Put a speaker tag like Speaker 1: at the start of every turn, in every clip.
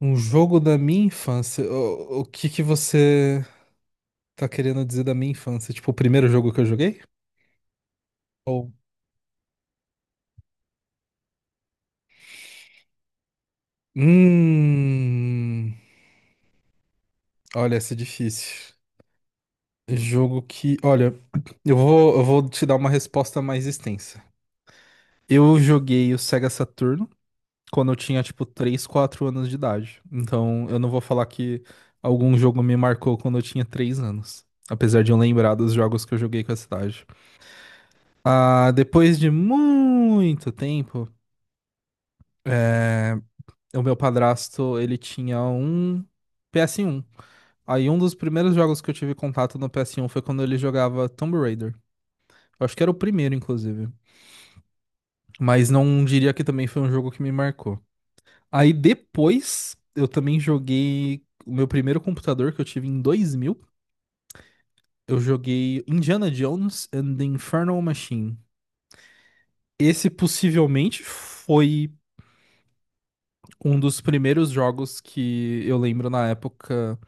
Speaker 1: Um jogo da minha infância. O que que você tá querendo dizer da minha infância? Tipo, o primeiro jogo que eu joguei? Ou. Hum. Olha, essa é difícil. Jogo que. Olha, eu vou te dar uma resposta mais extensa. Eu joguei o Sega Saturno quando eu tinha, tipo, 3 4 anos de idade. Então, eu não vou falar que algum jogo me marcou quando eu tinha 3 anos. Apesar de eu lembrar dos jogos que eu joguei com essa idade. Ah, depois de muito tempo. É, o meu padrasto, ele tinha um PS1. Aí um dos primeiros jogos que eu tive contato no PS1 foi quando ele jogava Tomb Raider. Eu acho que era o primeiro, inclusive. Mas não diria que também foi um jogo que me marcou. Aí depois, eu também joguei o meu primeiro computador que eu tive em 2000. Eu joguei Indiana Jones and the Infernal Machine. Esse possivelmente foi um dos primeiros jogos que eu lembro na época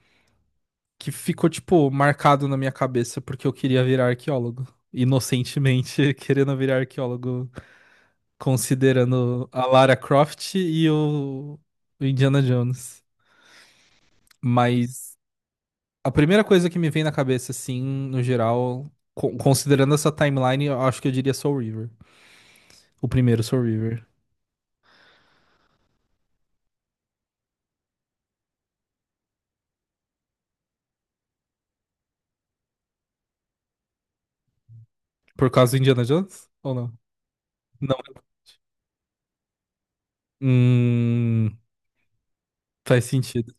Speaker 1: que ficou, tipo, marcado na minha cabeça porque eu queria virar arqueólogo. Inocentemente querendo virar arqueólogo, considerando a Lara Croft e o Indiana Jones. Mas a primeira coisa que me vem na cabeça, assim, no geral, considerando essa timeline, eu acho que eu diria Soul River. O primeiro Soul River. Por causa do Indiana Jones? Ou não? Não. Hum, faz sentido.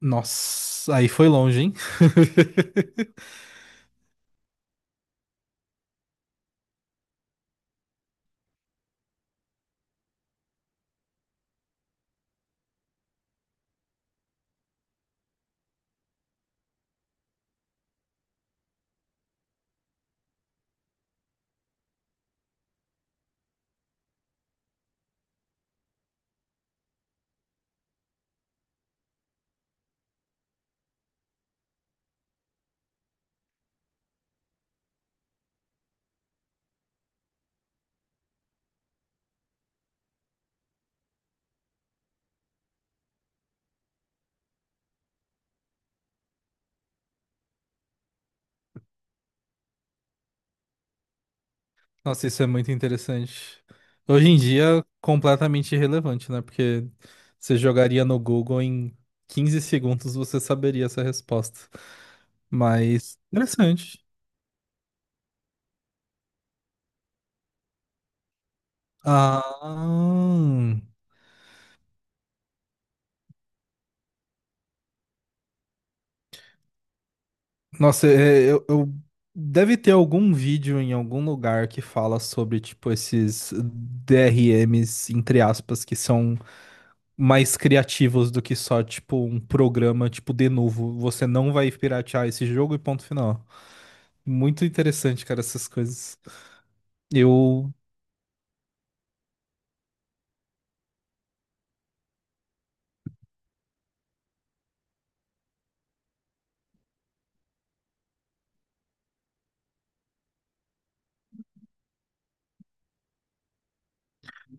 Speaker 1: Nossa, aí foi longe, hein? Nossa, isso é muito interessante. Hoje em dia, completamente irrelevante, né? Porque você jogaria no Google em 15 segundos você saberia essa resposta. Mas interessante. Ah, nossa, deve ter algum vídeo em algum lugar que fala sobre tipo esses DRMs entre aspas que são mais criativos do que só tipo um programa tipo de novo, você não vai piratear esse jogo e ponto final. Muito interessante, cara, essas coisas. Eu.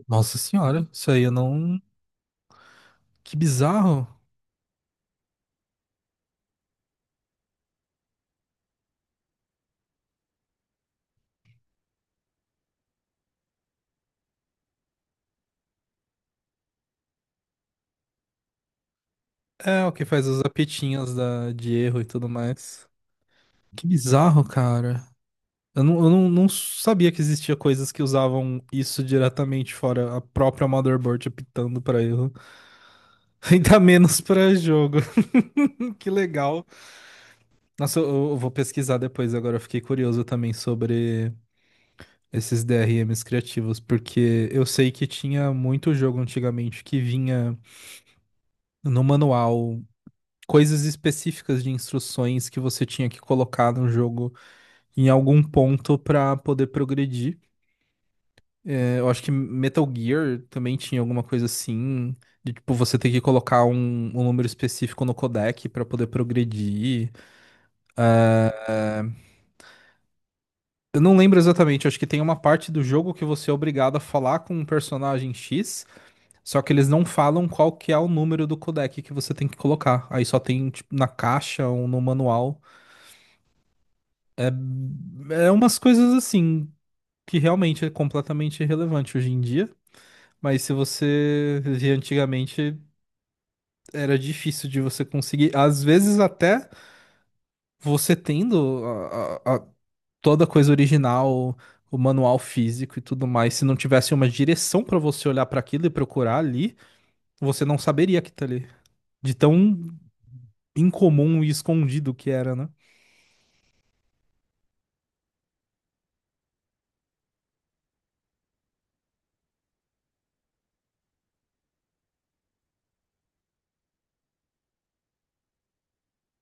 Speaker 1: Nossa senhora, isso aí eu não. Que bizarro. É, o que faz as apetinhas da de erro e tudo mais. Que bizarro, cara. Eu não, não sabia que existia coisas que usavam isso diretamente, fora a própria motherboard apitando pra erro. Ainda menos pra jogo. Que legal. Nossa, eu vou pesquisar depois, agora eu fiquei curioso também sobre esses DRMs criativos, porque eu sei que tinha muito jogo antigamente que vinha no manual coisas específicas de instruções que você tinha que colocar no jogo em algum ponto pra poder progredir. É, eu acho que Metal Gear também tinha alguma coisa assim. De, tipo, você ter que colocar um número específico no codec pra poder progredir. Eu não lembro exatamente, eu acho que tem uma parte do jogo que você é obrigado a falar com um personagem X. Só que eles não falam qual que é o número do codec que você tem que colocar. Aí só tem, tipo, na caixa ou no manual. É, é umas coisas assim que realmente é completamente irrelevante hoje em dia. Mas se você via antigamente, era difícil de você conseguir. Às vezes até você tendo a- a- toda a coisa original, o manual físico e tudo mais, se não tivesse uma direção pra você olhar pra aquilo e procurar ali, você não saberia que tá ali. De tão incomum e escondido que era, né?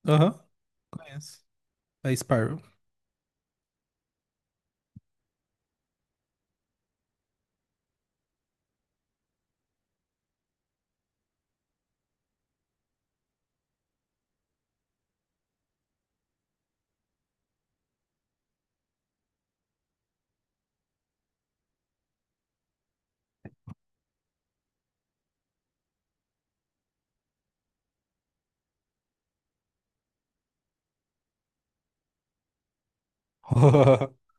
Speaker 1: Aham, conheço. É Spyro.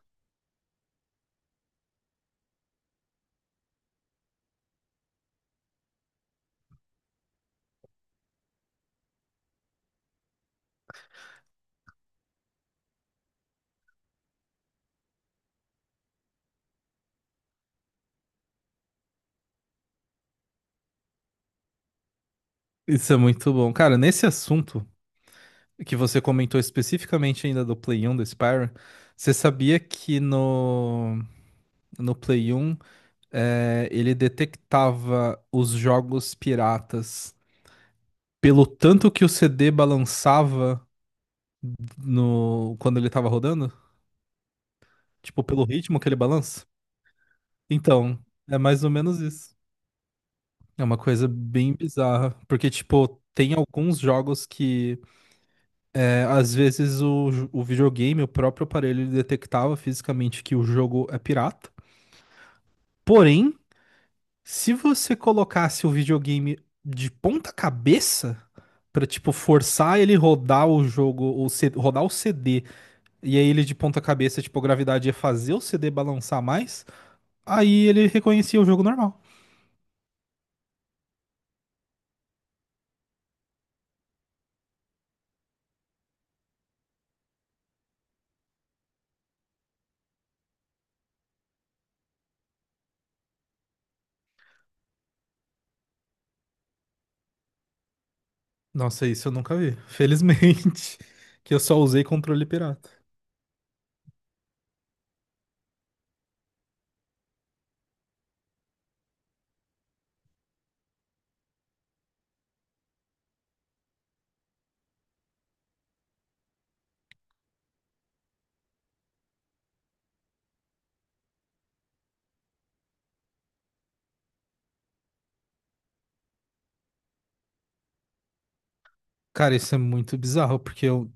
Speaker 1: Isso é muito bom. Cara, nesse assunto que você comentou especificamente ainda do Play 1 do Spyro, você sabia que no Play 1, ele detectava os jogos piratas pelo tanto que o CD balançava no, quando ele tava rodando? Tipo, pelo ritmo que ele balança? Então, é mais ou menos isso. É uma coisa bem bizarra, porque, tipo, tem alguns jogos que, às vezes, o, o videogame, o próprio aparelho, ele detectava fisicamente que o jogo é pirata. Porém, se você colocasse o videogame de ponta cabeça, pra, tipo, forçar ele rodar o jogo, ou rodar o CD, e aí ele de ponta cabeça, tipo, a gravidade ia fazer o CD balançar mais, aí ele reconhecia o jogo normal. Nossa, isso eu nunca vi. Felizmente, que eu só usei controle pirata. Cara, isso é muito bizarro, porque eu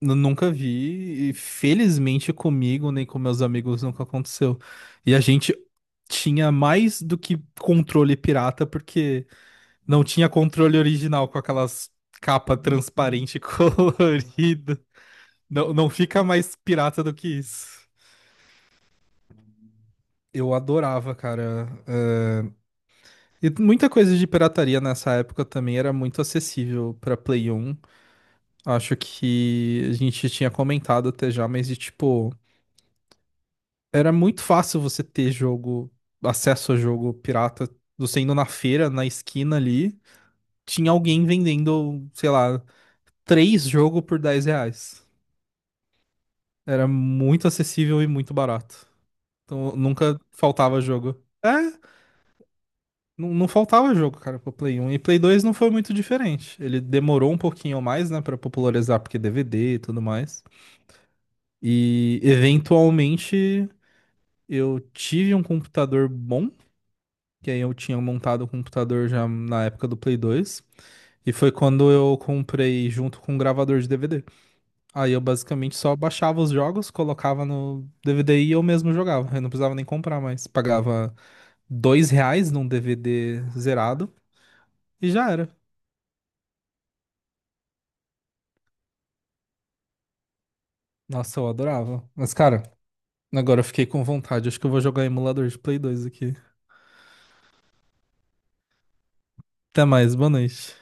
Speaker 1: nu- nunca vi, e felizmente comigo, nem com meus amigos, nunca aconteceu. E a gente tinha mais do que controle pirata, porque não tinha controle original com aquelas capa transparente colorida. Não, não fica mais pirata do que isso. Eu adorava, cara. E muita coisa de pirataria nessa época também era muito acessível pra Play 1. Acho que a gente tinha comentado até já, mas de tipo, era muito fácil você ter jogo, acesso a jogo pirata, você indo na feira, na esquina ali, tinha alguém vendendo, sei lá, 3 jogos por R$ 10. Era muito acessível e muito barato. Então nunca faltava jogo. É, não, não faltava jogo, cara, pro Play 1. E Play 2 não foi muito diferente. Ele demorou um pouquinho mais, né, pra popularizar, porque DVD e tudo mais. E eventualmente eu tive um computador bom, que aí eu tinha montado o computador já na época do Play 2. E foi quando eu comprei junto com um gravador de DVD. Aí eu basicamente só baixava os jogos, colocava no DVD e eu mesmo jogava. Eu não precisava nem comprar mais. Pagava R$ 2 num DVD zerado e já era. Nossa, eu adorava. Mas, cara, agora eu fiquei com vontade. Acho que eu vou jogar emulador de Play 2 aqui. Até mais, boa noite.